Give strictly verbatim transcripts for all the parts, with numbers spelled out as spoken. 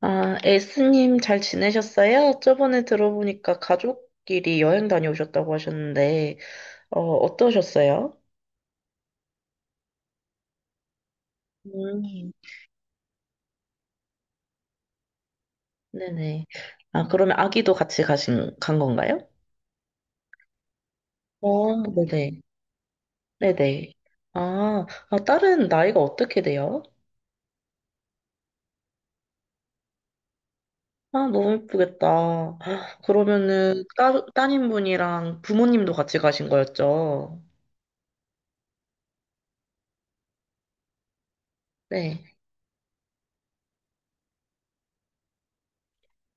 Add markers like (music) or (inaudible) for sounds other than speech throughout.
아, 에스님 잘 지내셨어요? 저번에 들어보니까 가족끼리 여행 다녀오셨다고 하셨는데, 어, 어떠셨어요? 음, 네네. 아, 그러면 아기도 같이 가신, 간 건가요? 어, 네네. 네네. 아, 아, 딸은 나이가 어떻게 돼요? 아, 너무 예쁘겠다. 아, 그러면은, 따, 따님분이랑 부모님도 같이 가신 거였죠? 네.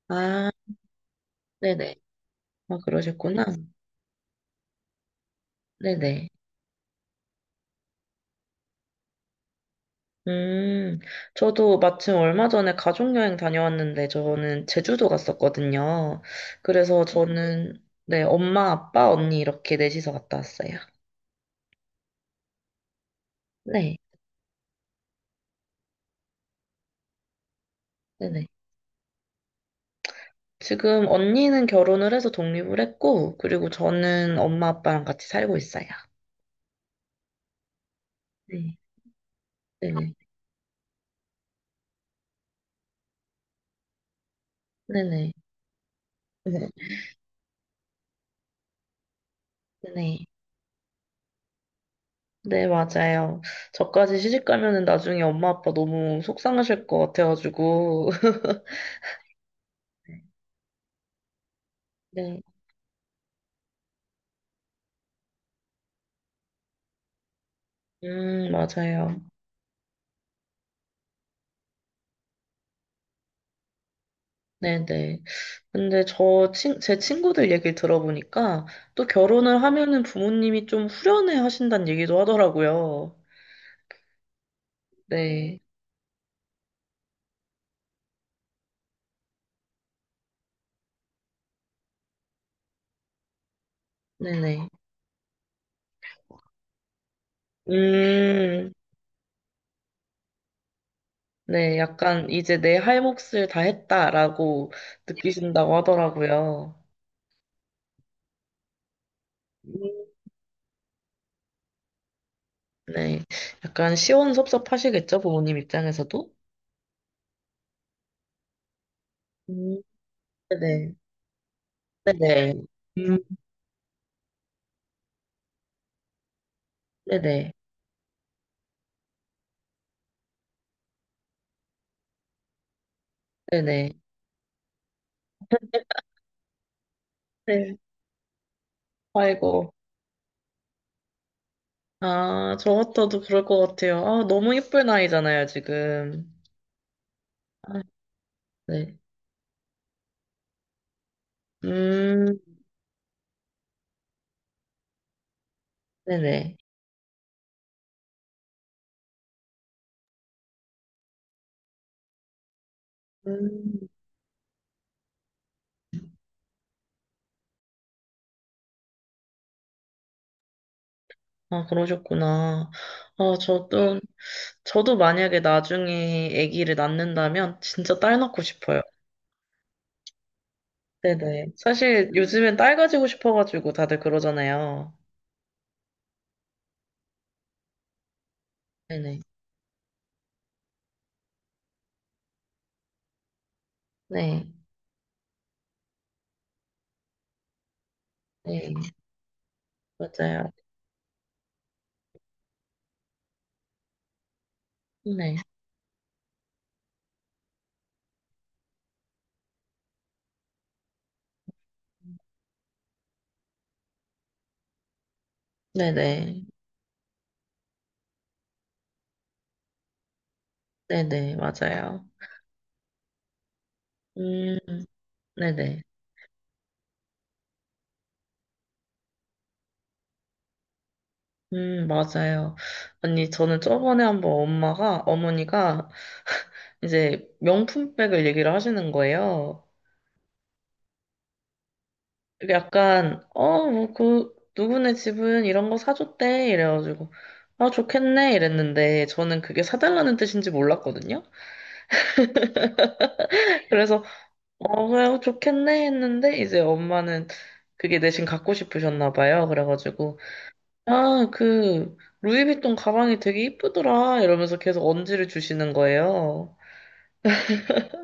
아, 네네. 아, 그러셨구나. 네네. 음, 저도 마침 얼마 전에 가족여행 다녀왔는데, 저는 제주도 갔었거든요. 그래서 저는, 네, 엄마, 아빠, 언니 이렇게 넷이서 갔다 왔어요. 네, 네네. 지금 언니는 결혼을 해서 독립을 했고, 그리고 저는 엄마, 아빠랑 같이 살고 있어요. 네, 네네. 네네. 네, 네네. 네, 맞아요. 저까지 시집 가면은 나중에 엄마, 아빠 너무 속상하실 것 같아가지고. (laughs) 네. 음, 맞아요. 네네. 근데 저 친, 제 친구들 얘기를 들어보니까 또 결혼을 하면은 부모님이 좀 후련해 하신다는 얘기도 하더라고요. 네. 네네. 음, 네. 약간 이제 내 할 몫을 다 했다라고 느끼신다고 하더라고요. 음, 네. 약간 시원섭섭하시겠죠? 부모님 입장에서도? 음, 네네. 네네. 음, 네네. 네네. 네. 아이고. 아, 저 같아도 그럴 것 같아요. 아, 너무 예쁠 나이잖아요, 지금. 아, 네. 음, 네네. 음, 아, 그러셨구나. 아, 저도, 저도 만약에 나중에 아기를 낳는다면 진짜 딸 낳고 싶어요. 네네. 사실 요즘엔 딸 가지고 싶어가지고 다들 그러잖아요. 네네. 네. 네. 맞아요. 네. 네네. 네네. 맞아요. 음, 네네. 음, 맞아요. 아니, 저는 저번에 한번 엄마가, 어머니가 이제 명품백을 얘기를 하시는 거예요. 이게 약간, 어, 뭐, 그, 누구네 집은 이런 거 사줬대. 이래가지고, 아, 좋겠네. 이랬는데, 저는 그게 사달라는 뜻인지 몰랐거든요. (laughs) 그래서, 어, 그래, 좋겠네. 했는데, 이제 엄마는 그게 대신 갖고 싶으셨나 봐요. 그래가지고, 아, 그, 루이비통 가방이 되게 이쁘더라. 이러면서 계속 언지를 주시는 거예요.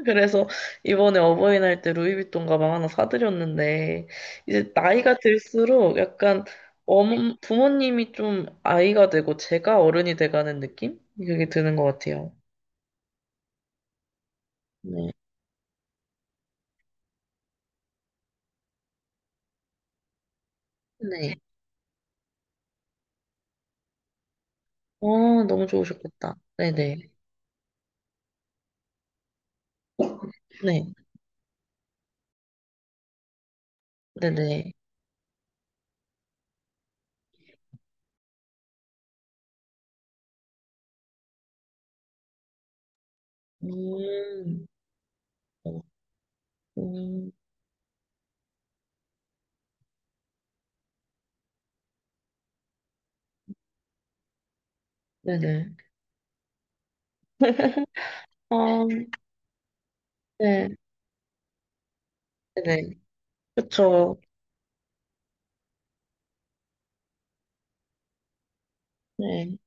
그래서 이번에 어버이날 때 루이비통 가방 하나 사드렸는데 이제 나이가 들수록 약간 어머, 부모님이 좀 아이가 되고 제가 어른이 돼가는 느낌? 그게 드는 것 같아요. 네. 네. 어, 너무 좋으셨겠다. 네네. 네. 네네. 음. 어, 음. 네네. 어, 네. 네네. 그쵸. 네.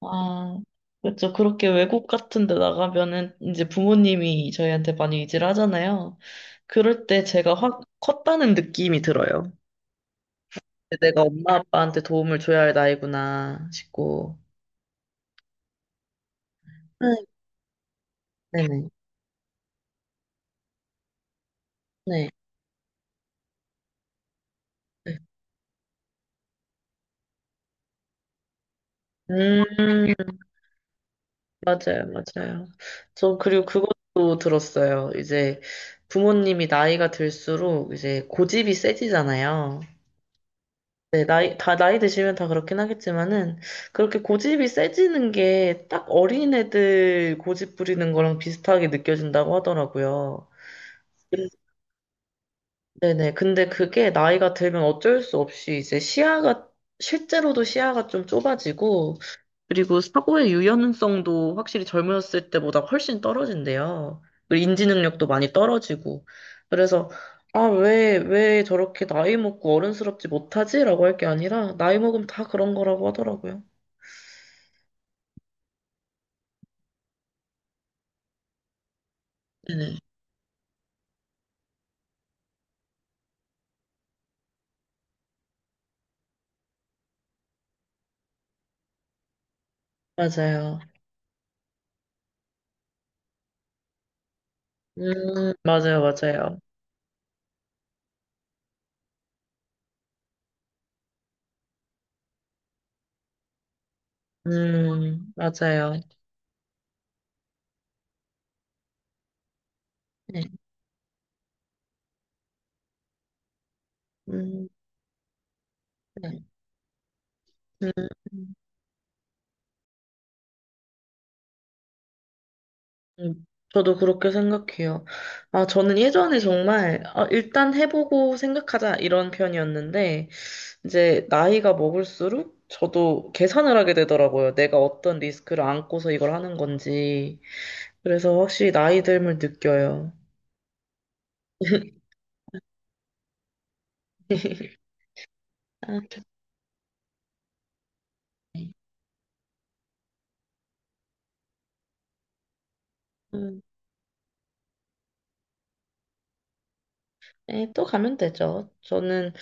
아, 그렇죠. 그렇게 외국 같은 데 나가면은 이제 부모님이 저희한테 많이 의지를 하잖아요. 그럴 때 제가 확 컸다는 느낌이 들어요. 내가 엄마 아빠한테 도움을 줘야 할 나이구나 싶고. 네. 네네. 네. 음, 맞아요, 맞아요. 저 그리고 그것도 들었어요. 이제 부모님이 나이가 들수록 이제 고집이 세지잖아요. 네, 나이, 다 나이 드시면 다 그렇긴 하겠지만은, 그렇게 고집이 세지는 게 딱 어린애들 고집 부리는 거랑 비슷하게 느껴진다고 하더라고요. 근- 네네. 근데 그게 나이가 들면 어쩔 수 없이 이제 시야가, 실제로도 시야가 좀 좁아지고, 그리고 사고의 유연성도 확실히 젊었을 때보다 훨씬 떨어진대요. 그리고 인지 능력도 많이 떨어지고. 그래서, 아, 왜, 왜 저렇게 나이 먹고 어른스럽지 못하지? 라고 할 게 아니라, 나이 먹으면 다 그런 거라고 하더라고요. 네네. 맞아요. 음, 맞아요, 맞아요. 음, 맞아요. 네. 음, 네. 음, 음. 저도 그렇게 생각해요. 아, 저는 예전에 정말, 아, 일단 해보고 생각하자, 이런 편이었는데, 이제 나이가 먹을수록 저도 계산을 하게 되더라고요. 내가 어떤 리스크를 안고서 이걸 하는 건지. 그래서 확실히 나이 듦을 느껴요. (laughs) 아, 네. 음, 네, 또 가면 되죠. 저는,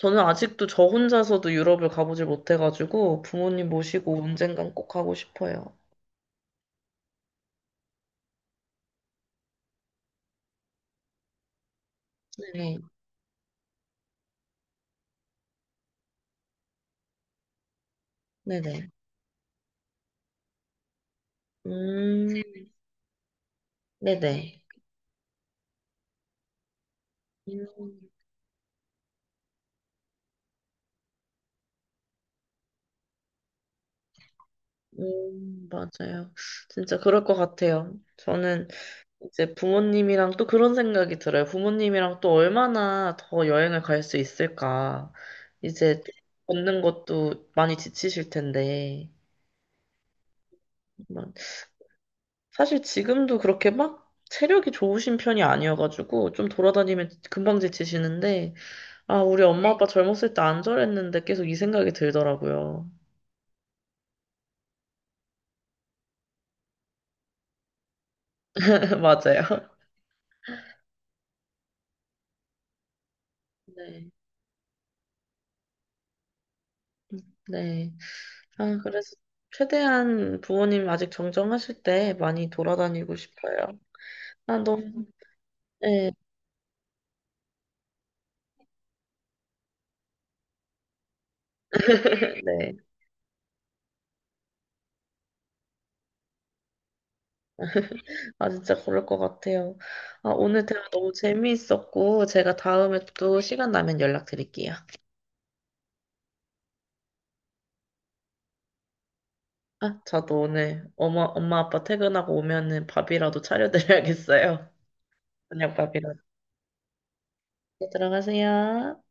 저는 아직도 저 혼자서도 유럽을 가보질 못해가지고 부모님 모시고 언젠간 꼭 가고 싶어요. 네, 네네. 음, 네네. 음, 음, 맞아요. 진짜 그럴 것 같아요. 저는 이제 부모님이랑 또 그런 생각이 들어요. 부모님이랑 또 얼마나 더 여행을 갈 수 있을까. 이제 걷는 것도 많이 지치실 텐데. 막 사실 지금도 그렇게 막 체력이 좋으신 편이 아니어가지고 좀 돌아다니면 금방 지치시는데, 아, 우리 엄마 아빠 젊었을 때 안 저랬는데 계속 이 생각이 들더라고요. (laughs) 맞아요. 네. 네. 아, 그래서 최대한 부모님 아직 정정하실 때 많이 돌아다니고 싶어요. 아, 너무, 네. 네. 아, 진짜 그럴 것 같아요. 아, 오늘 대화 너무 재미있었고, 제가 다음에 또 시간 나면 연락드릴게요. 아, 저도 오늘 엄마, 엄마 아빠 퇴근하고 오면은 밥이라도 차려드려야겠어요. 저녁밥이라도. 네, 들어가세요.